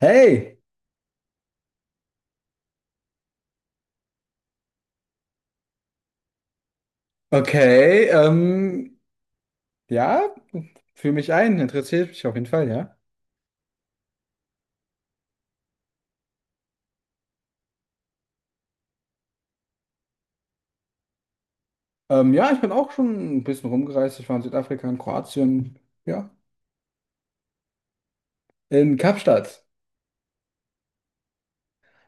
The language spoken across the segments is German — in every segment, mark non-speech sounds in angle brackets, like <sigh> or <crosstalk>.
Hey, okay, ja, fühl mich ein, interessiert mich auf jeden Fall, ja. Ja, ich bin auch schon ein bisschen rumgereist. Ich war in Südafrika, in Kroatien, ja, in Kapstadt.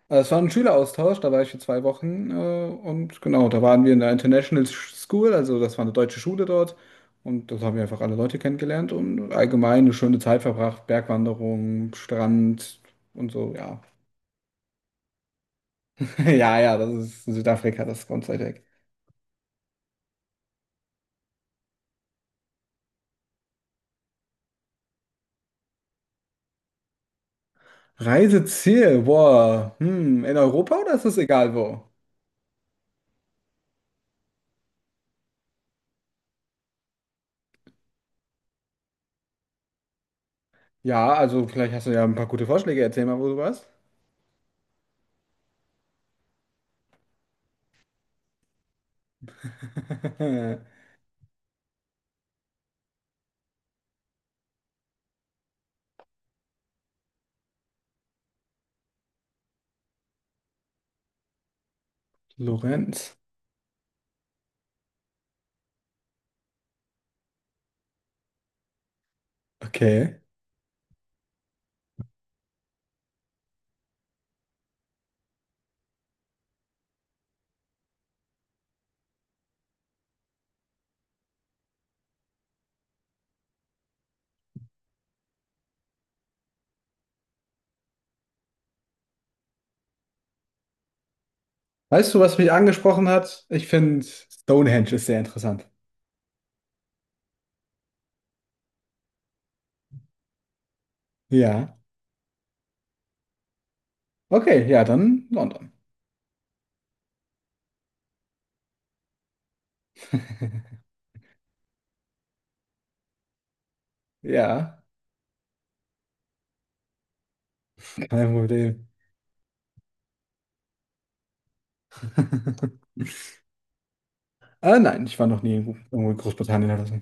Es war ein Schüleraustausch, da war ich für 2 Wochen, und genau, da waren wir in der International School, also das war eine deutsche Schule dort. Und dort haben wir einfach alle Leute kennengelernt und allgemein eine schöne Zeit verbracht, Bergwanderung, Strand und so, ja. <laughs> Ja, ja, das ist Südafrika, das ganze. Reiseziel, boah, in Europa oder ist das egal wo? Ja, also vielleicht hast du ja ein paar gute Vorschläge, erzähl mal, wo du warst. <laughs> Florenz, okay. Weißt du, was mich angesprochen hat? Ich finde Stonehenge ist sehr interessant. Ja, okay, ja, dann London. <laughs> Ja, kein Problem. <laughs> Ah, nein, ich war noch nie irgendwo in Großbritannien oder so.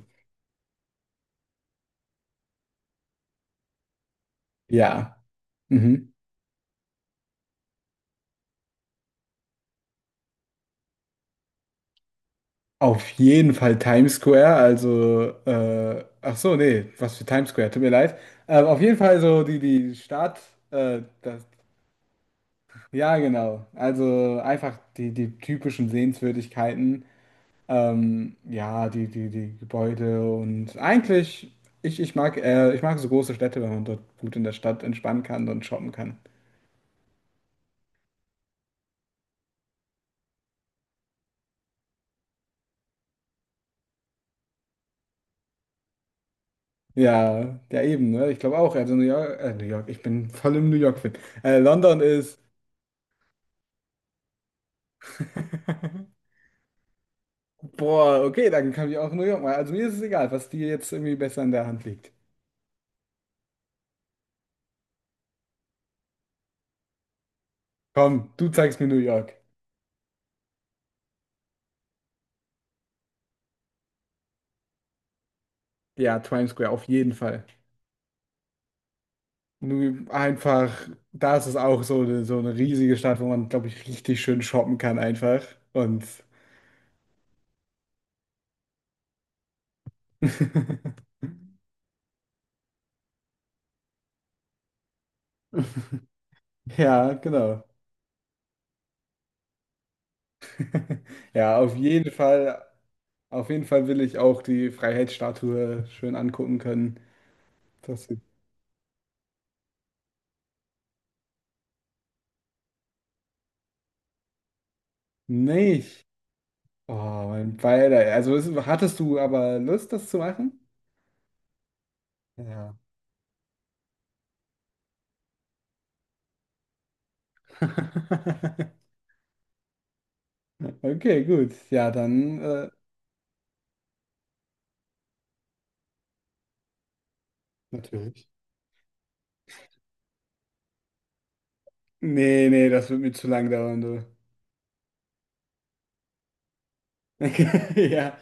Ja, mhm. Auf jeden Fall Times Square, also, ach so, nee, was für Times Square, tut mir leid. Auf jeden Fall so die Stadt, das, ja, genau. Also einfach die typischen Sehenswürdigkeiten, ja, die Gebäude und eigentlich, ich mag so große Städte, wenn man dort gut in der Stadt entspannen kann und shoppen kann. Ja, ja eben, ne? Ich glaube auch, also New York, New York, ich bin voll im New York-Film. London ist. <laughs> Boah, okay, dann kann ich auch New York mal. Also mir ist es egal, was dir jetzt irgendwie besser in der Hand liegt. Komm, du zeigst mir New York. Ja, Times Square, auf jeden Fall. Nur einfach, da ist es auch so eine riesige Stadt, wo man, glaube ich, richtig schön shoppen kann einfach. Und <laughs> ja, genau. <laughs> Ja, auf jeden Fall will ich auch die Freiheitsstatue schön angucken können. Das nicht. Oh, mein Beider. Also hattest du aber Lust, das zu machen? Ja, <laughs> okay, gut. Ja, dann. Natürlich. Nee, nee, das wird mir zu lang dauern, du. <laughs> Ja,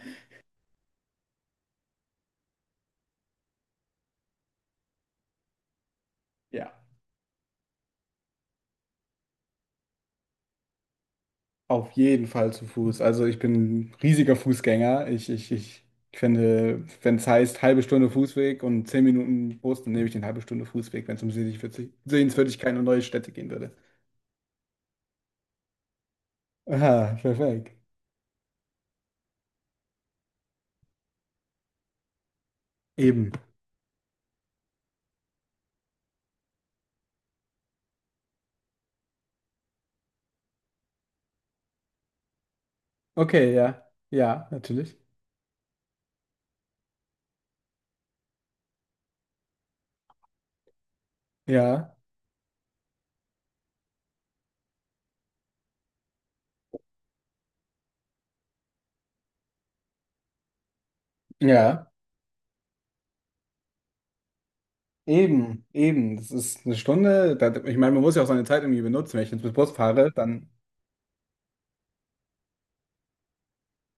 ja. Auf jeden Fall zu Fuß. Also ich bin ein riesiger Fußgänger. Ich finde, wenn es heißt halbe Stunde Fußweg und 10 Minuten Bus, dann nehme ich den halbe Stunde Fußweg, wenn es um Sehenswürdigkeiten und neue Städte gehen würde. Aha, perfekt. Eben. Okay, ja. Ja, natürlich. Ja. Ja. Eben, eben. Das ist eine Stunde. Da, ich meine, man muss ja auch seine Zeit irgendwie benutzen. Wenn ich jetzt mit Bus fahre, dann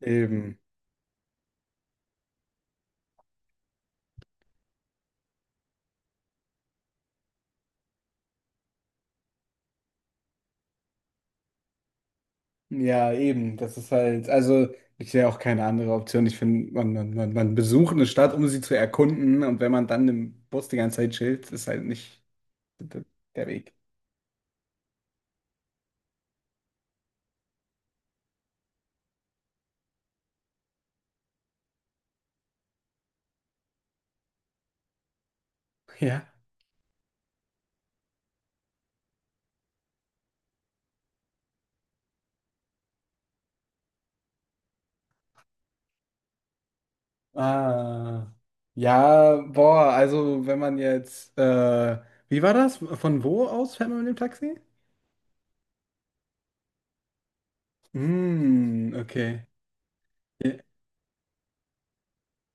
eben. Ja, eben. Das ist halt, also ich sehe auch keine andere Option. Ich finde, man besucht eine Stadt, um sie zu erkunden. Und wenn man dann im Bus die ganze Zeit chillt, ist halt nicht d- der Weg. Ja. Ah. Ja, boah, also wenn man jetzt, wie war das? Von wo aus fährt man mit dem Taxi? Hm, okay. Ja.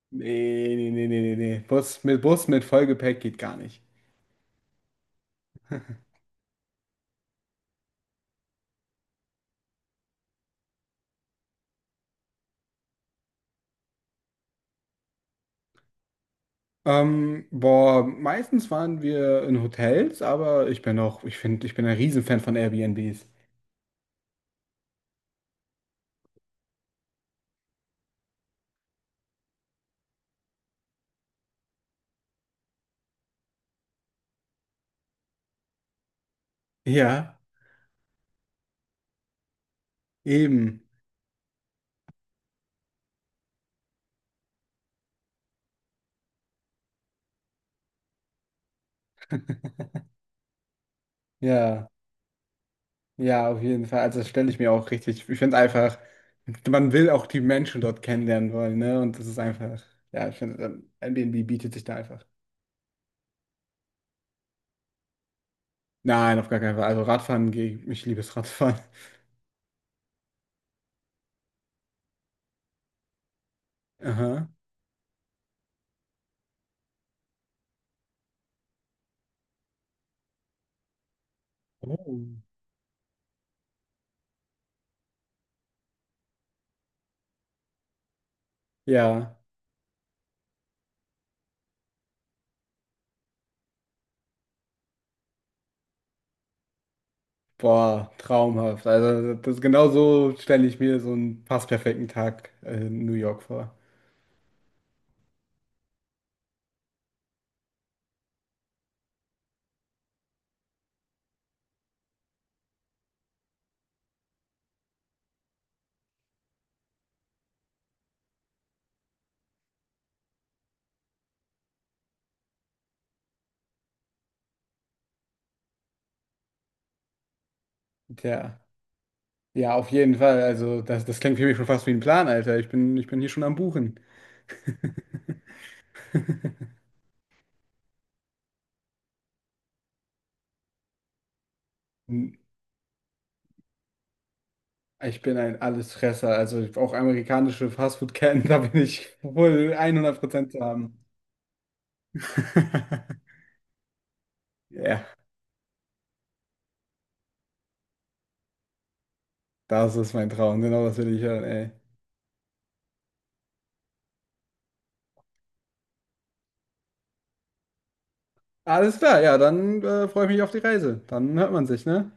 Nee, nee, nee, nee, nee, nee. Bus mit Vollgepäck geht gar nicht. Boah, meistens waren wir in Hotels, aber ich bin auch, ich finde, ich bin ein Riesenfan von Airbnbs. Ja, eben. Ja, ja, auf jeden Fall. Also das stelle ich mir auch richtig. Ich finde einfach, man will auch die Menschen dort kennenlernen wollen, ne? Und das ist einfach, ja, ich finde, Airbnb bietet sich da einfach. Nein, auf gar keinen Fall. Also Radfahren gehe ich, ich liebe es Radfahren. <laughs> Aha. Oh. Ja. Boah, traumhaft. Also das genau so stelle ich mir so einen fast perfekten Tag in New York vor. Tja, ja, auf jeden Fall. Also das klingt für mich schon fast wie ein Plan, Alter. Ich bin hier schon am Buchen. Ich bin ein Allesfresser. Also auch amerikanische Fastfood-Ketten, <laughs> da bin ich wohl 100% zu haben. <laughs> Ja, das ist mein Traum. Genau das will ich hören, ey. Alles klar, ja, dann freue ich mich auf die Reise. Dann hört man sich, ne?